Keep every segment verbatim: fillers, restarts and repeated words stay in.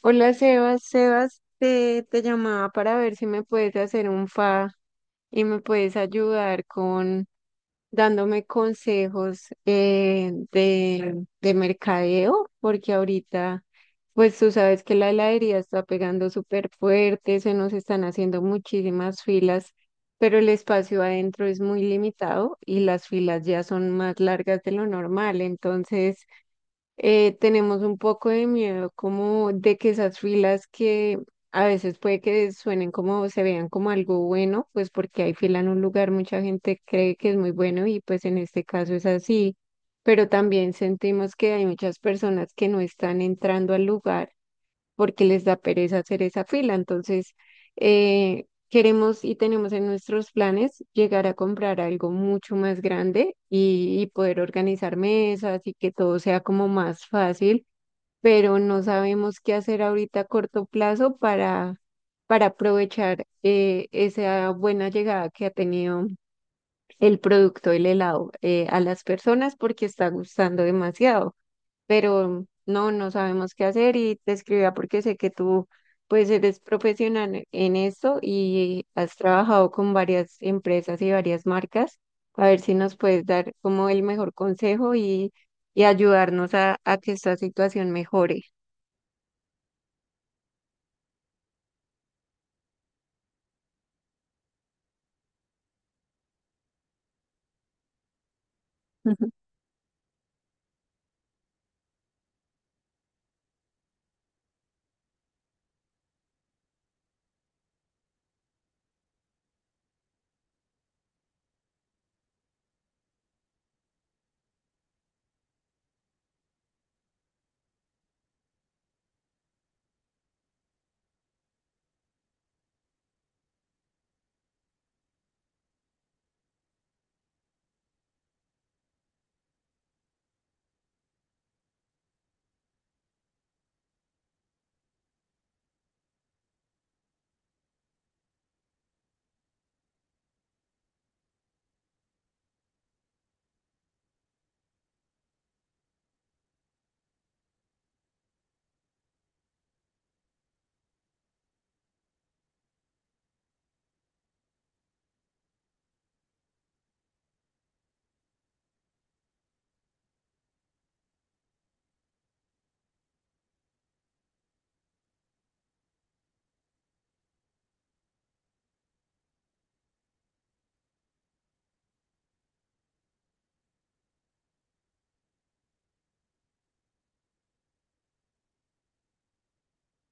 Hola Sebas, Sebas, te, te llamaba para ver si me puedes hacer un fa y me puedes ayudar con dándome consejos eh, de, de mercadeo, porque ahorita, pues tú sabes que la heladería está pegando súper fuerte, se nos están haciendo muchísimas filas, pero el espacio adentro es muy limitado y las filas ya son más largas de lo normal, entonces eh, tenemos un poco de miedo como de que esas filas que a veces puede que suenen como, se vean como algo bueno, pues porque hay fila en un lugar, mucha gente cree que es muy bueno y pues en este caso es así, pero también sentimos que hay muchas personas que no están entrando al lugar porque les da pereza hacer esa fila. Entonces, eh, queremos y tenemos en nuestros planes llegar a comprar algo mucho más grande y, y poder organizar mesas y que todo sea como más fácil, pero no sabemos qué hacer ahorita a corto plazo para, para aprovechar eh, esa buena llegada que ha tenido el producto, el helado, eh, a las personas porque está gustando demasiado pero no, no sabemos qué hacer y te escribía porque sé que tú pues eres profesional en esto y has trabajado con varias empresas y varias marcas, a ver si nos puedes dar como el mejor consejo y, y ayudarnos a, a que esta situación mejore.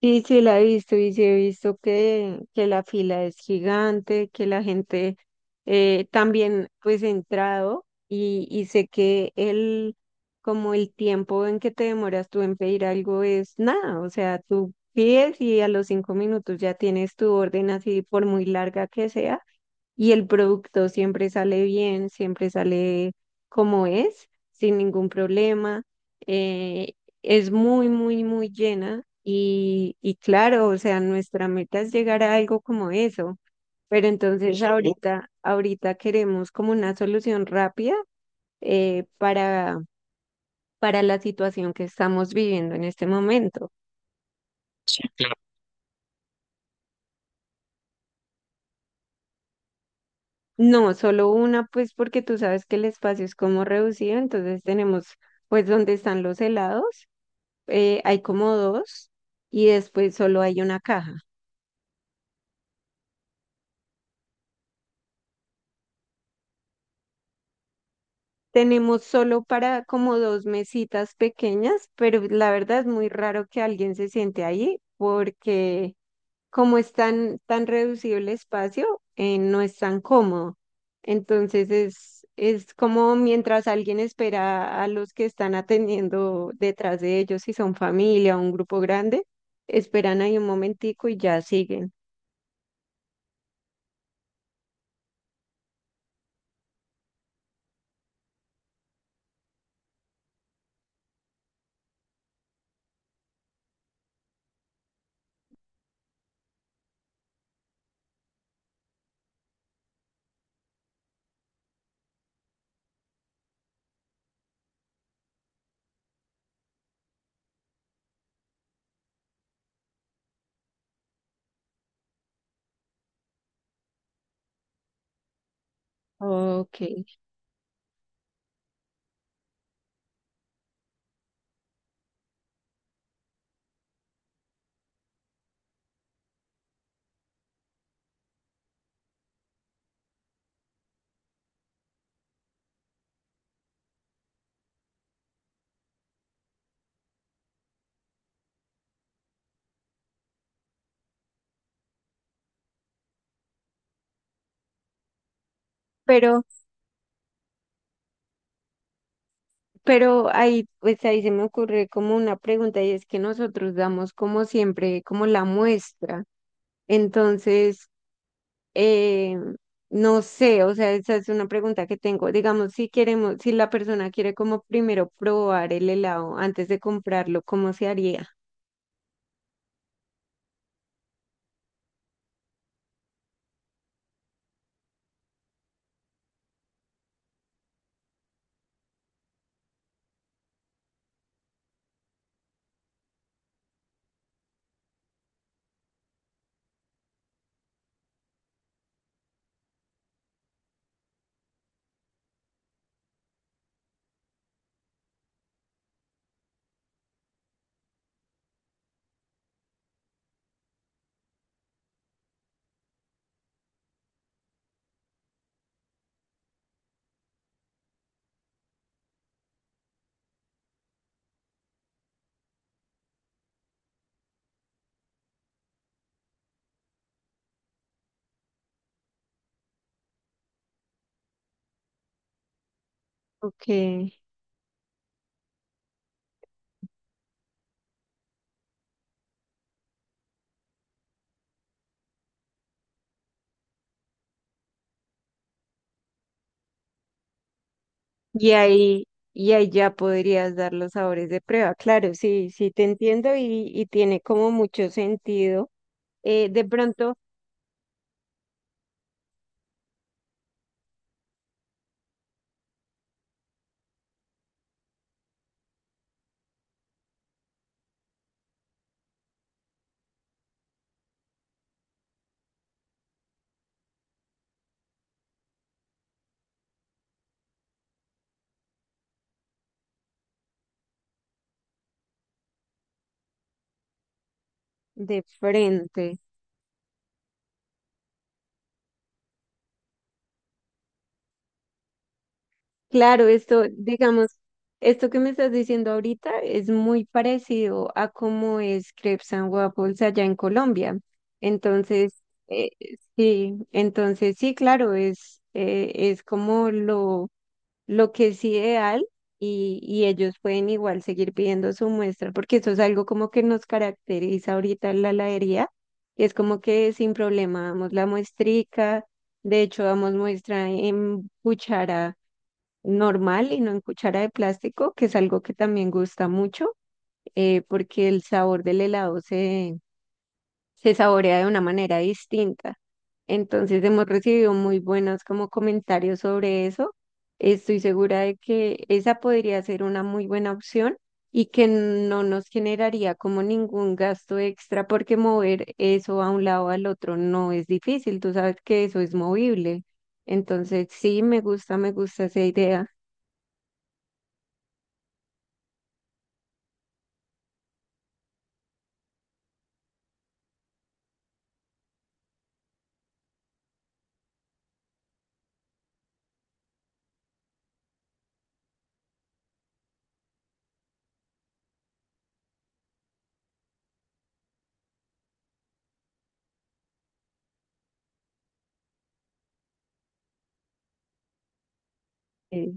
Sí, sí, la he visto y sí he visto que, que la fila es gigante, que la gente eh, también pues he entrado y, y sé que el, como el tiempo en que te demoras tú en pedir algo es nada, o sea, tú pides y a los cinco minutos ya tienes tu orden así por muy larga que sea y el producto siempre sale bien, siempre sale como es, sin ningún problema. eh, es muy, muy, muy llena y, y claro, o sea, nuestra meta es llegar a algo como eso, pero entonces Ujú. Ahorita, ahorita queremos como una solución rápida eh, para, para la situación que estamos viviendo en este momento. Claro. No, solo una, pues porque tú sabes que el espacio es como reducido, entonces tenemos pues donde están los helados, eh, hay como dos y después solo hay una caja. Tenemos solo para como dos mesitas pequeñas, pero la verdad es muy raro que alguien se siente ahí porque como es tan, tan reducido el espacio, eh, no es tan cómodo. Entonces es, es como mientras alguien espera a los que están atendiendo detrás de ellos, si son familia o un grupo grande, esperan ahí un momentico y ya siguen. Ok. Pero Pero ahí, pues ahí se me ocurre como una pregunta y es que nosotros damos como siempre, como la muestra. Entonces, eh, no sé, o sea, esa es una pregunta que tengo. Digamos, si queremos, si la persona quiere como primero probar el helado antes de comprarlo, ¿cómo se haría? Ok. Y ahí, y ahí ya podrías dar los sabores de prueba. Claro, sí, sí te entiendo y, y tiene como mucho sentido. Eh, de pronto, de frente. Claro, esto, digamos, esto que me estás diciendo ahorita es muy parecido a cómo es Crepes and Waffles allá en Colombia. Entonces, eh, sí, entonces sí, claro, es, eh, es como lo, lo que es ideal y, y ellos pueden igual seguir pidiendo su muestra, porque eso es algo como que nos caracteriza ahorita en la heladería, y es como que sin problema damos la muestrica, de hecho damos muestra en cuchara normal y no en cuchara de plástico, que es algo que también gusta mucho, eh, porque el sabor del helado se, se saborea de una manera distinta. Entonces hemos recibido muy buenos como comentarios sobre eso. Estoy segura de que esa podría ser una muy buena opción y que no nos generaría como ningún gasto extra porque mover eso a un lado al otro no es difícil. Tú sabes que eso es movible. Entonces sí, me gusta, me gusta esa idea. Eh,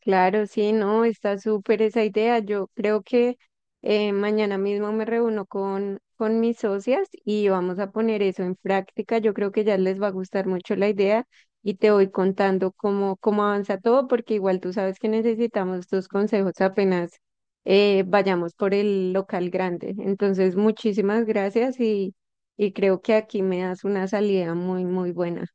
Claro, sí, no, está súper esa idea. Yo creo que eh, mañana mismo me reúno con, con mis socias y vamos a poner eso en práctica. Yo creo que ya les va a gustar mucho la idea y te voy contando cómo, cómo avanza todo, porque igual tú sabes que necesitamos tus consejos apenas eh, vayamos por el local grande. Entonces, muchísimas gracias y, y creo que aquí me das una salida muy, muy buena.